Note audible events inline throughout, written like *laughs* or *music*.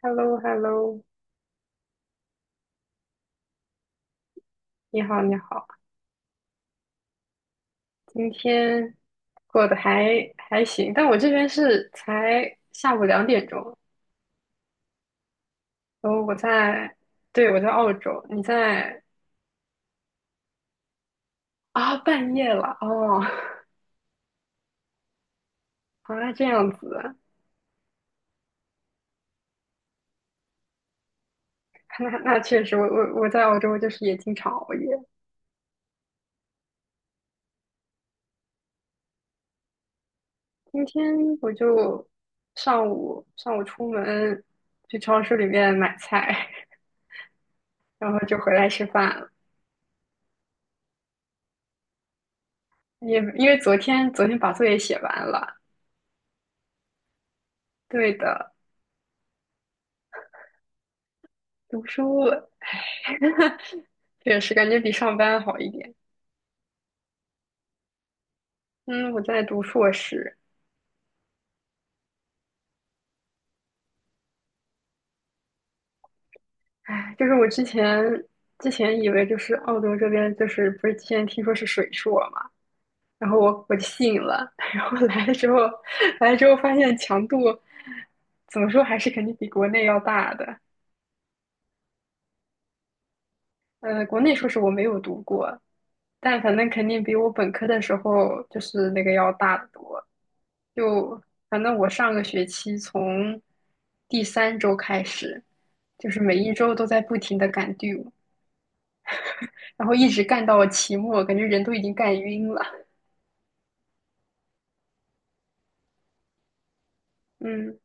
h e l l o hello 你好，你好，今天过得还行，但我这边是才下午2点钟，然后我在，对，我在澳洲，你在啊，半夜了哦，*laughs* 啊，这样子，*laughs* 那确实，我在澳洲就是也经常熬夜，今天我就上午出门去超市里面买菜，*laughs* 然后就回来吃饭了，也因为昨天把作业写完了。对的，读书，唉，*laughs* 确实感觉比上班好一点。嗯，我在读硕士，唉，就是我之前以为就是澳洲这边就是不是之前听说是水硕嘛，然后我就信了，*laughs* 然后来了之后发现强度怎么说还是肯定比国内要大的。呃，国内硕士我没有读过，但反正肯定比我本科的时候就是那个要大得多。就反正我上个学期从第三周开始，就是每一周都在不停的赶 due，然后一直干到期末，感觉人都已经干晕了。嗯，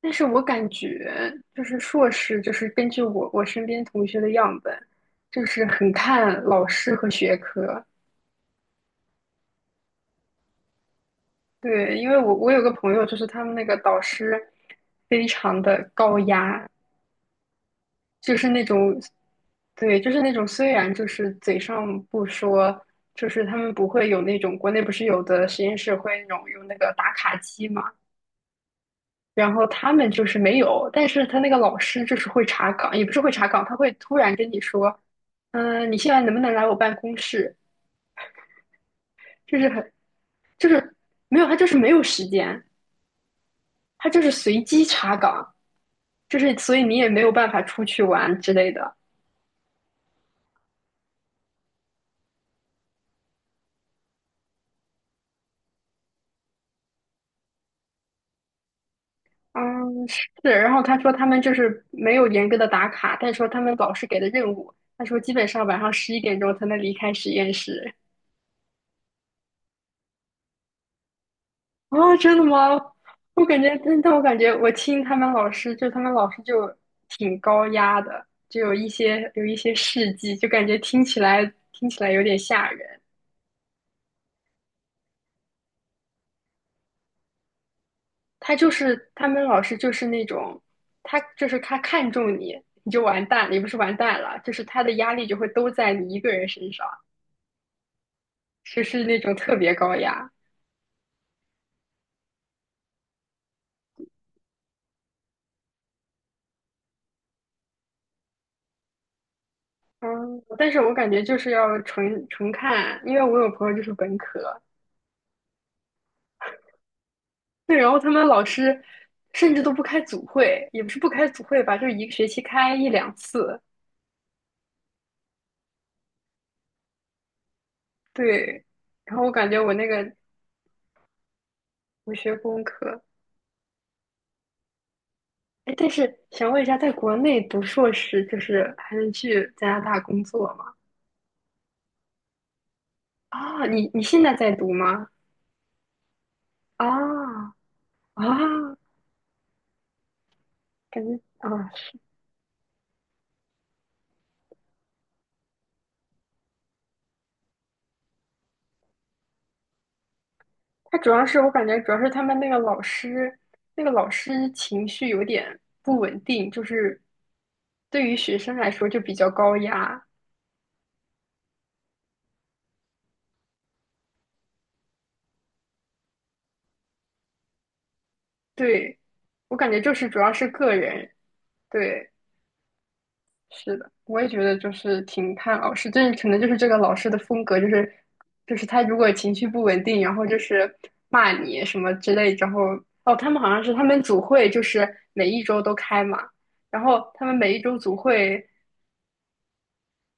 但是我感觉就是硕士，就是根据我身边同学的样本，就是很看老师和学科。对，因为我有个朋友，就是他们那个导师非常的高压，就是那种，对，就是那种，虽然就是嘴上不说，就是他们不会有那种国内不是有的实验室会那种用那个打卡机嘛，然后他们就是没有，但是他那个老师就是会查岗，也不是会查岗，他会突然跟你说，你现在能不能来我办公室？就是很，就是没有，他就是没有时间，他就是随机查岗，就是所以你也没有办法出去玩之类的。嗯，是。然后他说他们就是没有严格的打卡，但是说他们老师给的任务，他说基本上晚上11点钟才能离开实验室。啊，真的吗？我感觉，但我感觉我听他们老师，就他们老师就挺高压的，就有一些事迹，就感觉听起来有点吓人。他就是他们老师就是那种，他就是他看中你，你就完蛋了，也不是完蛋了，就是他的压力就会都在你一个人身上。就是那种特别高雅。嗯，但是我感觉就是要纯纯看，因为我有朋友就是本科，对，然后他们老师甚至都不开组会，也不是不开组会吧，就是一个学期开一两次，对。然后我感觉我那个我学工科，哎，但是想问一下，在国内读硕士就是还能去加拿大工作吗？啊，你现在在读吗？啊啊，感觉啊。他主要是我感觉主要是他们那个老师，那个老师情绪有点不稳定，就是对于学生来说就比较高压。对，我感觉就是主要是个人。对，是的，我也觉得就是挺看老师，这可能就是这个老师的风格，就是就是他如果情绪不稳定，然后就是骂你什么之类，然后哦，他们好像是他们组会就是每一周都开嘛。然后他们每一周组会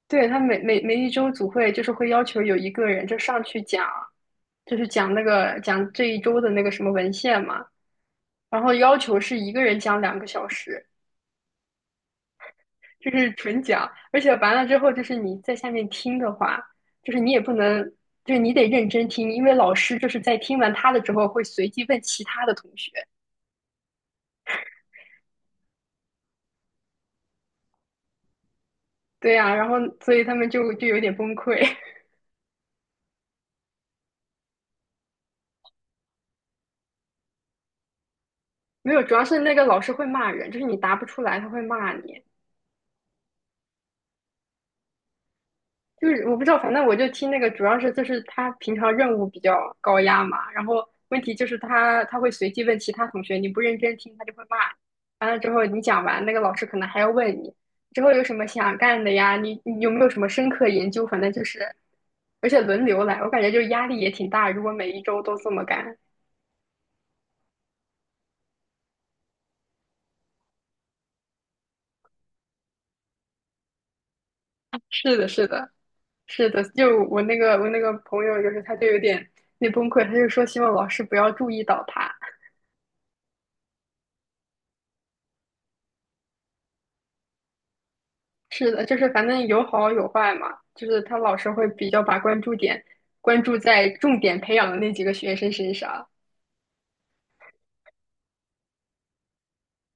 对，他每一周组会就是会要求有一个人就上去讲，就是讲那个讲这一周的那个什么文献嘛，然后要求是一个人讲2个小时，就是纯讲，而且完了之后就是你在下面听的话，就是你也不能，就是你得认真听，因为老师就是在听完他的之后会随机问其他的同学，对呀，然后所以他们就有点崩溃，*laughs* 没有，主要是那个老师会骂人，就是你答不出来他会骂你。就是我不知道，反正我就听那个，主要是就是他平常任务比较高压嘛，然后问题就是他会随机问其他同学，你不认真听他就会骂，完了之后你讲完，那个老师可能还要问你之后有什么想干的呀，你有没有什么深刻研究，反正就是，而且轮流来，我感觉就压力也挺大，如果每一周都这么干，是的，是的，是的，就我那个朋友就是他就有点那崩溃，他就说希望老师不要注意到他。是的，就是反正有好有坏嘛，就是他老师会比较把关注点关注在重点培养的那几个学生身上。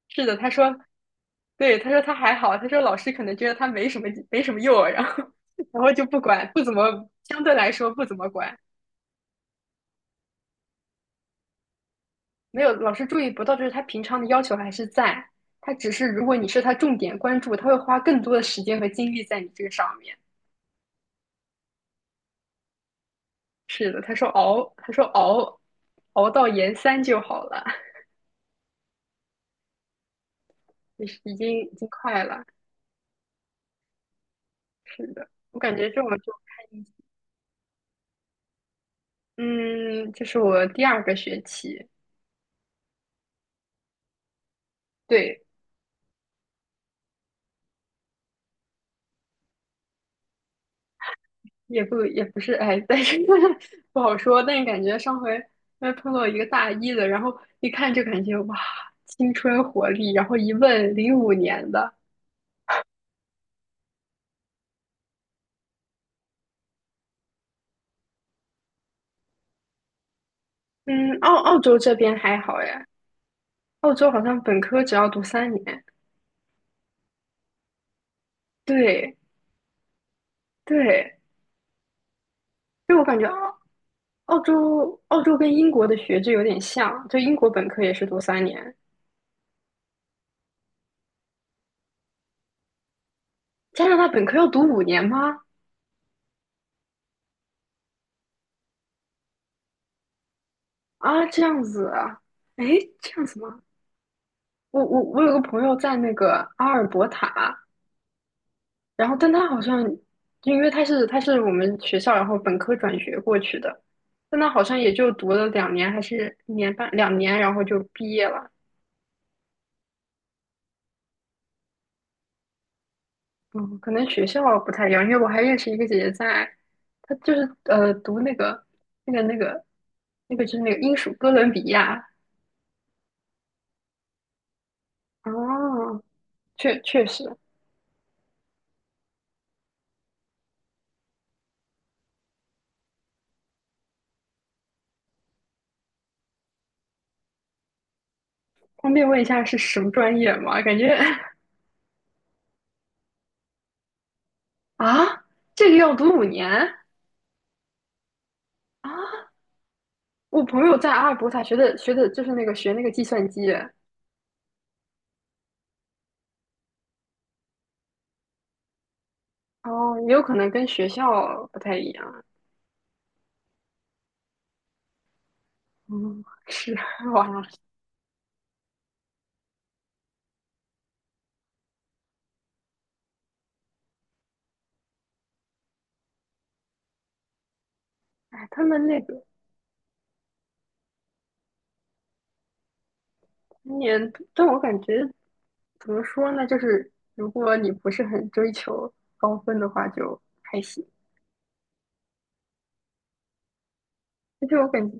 是的，他说，对，他说他还好，他说老师可能觉得他没什么用，然后 *laughs* 然后就不管，不怎么相对来说不怎么管，没有老师注意不到，就是他平常的要求还是在，他只是如果你是他重点关注，他会花更多的时间和精力在你这个上面。是的，他说熬，他说熬，熬到研三就好了，*laughs* 就是已经快了。是的，我感觉这种就看运气嗯，这是我第二个学期，对，也不是，哎，但是 *laughs* 不好说。但是感觉上回因为碰到一个大一的，然后一看就感觉哇，青春活力，然后一问05年的，嗯，澳洲这边还好哎，澳洲好像本科只要读三年，对对，就我感觉澳洲跟英国的学制有点像，就英国本科也是读三年，加拿大本科要读五年吗？啊，这样子啊，诶，这样子吗？我有个朋友在那个阿尔伯塔，然后但他好像，因为他是我们学校，然后本科转学过去的，但他好像也就读了两年还是1年半两年，然后就毕业了。嗯，可能学校不太一样，因为我还认识一个姐姐在，她就是读那个那个那个就是那个英属哥伦比亚。哦，确实，方便问一下是什么专业吗？感觉。啊，这个要读五年啊！我朋友在阿尔伯塔学的就是那个学那个计算机，哦，也有可能跟学校不太一样。嗯，是哇，哎，他们那个今年，但我感觉怎么说呢，就是如果你不是很追求高分的话，就还行。而且我感觉，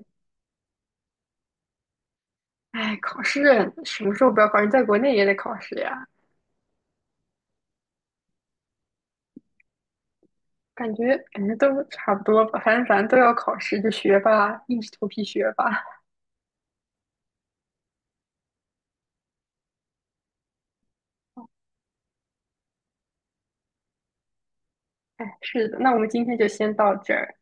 哎，考试什么时候不要考试？在国内也得考试呀，感觉都差不多吧，反正都要考试，就学吧，硬着头皮学吧。哎，是的，那我们今天就先到这儿。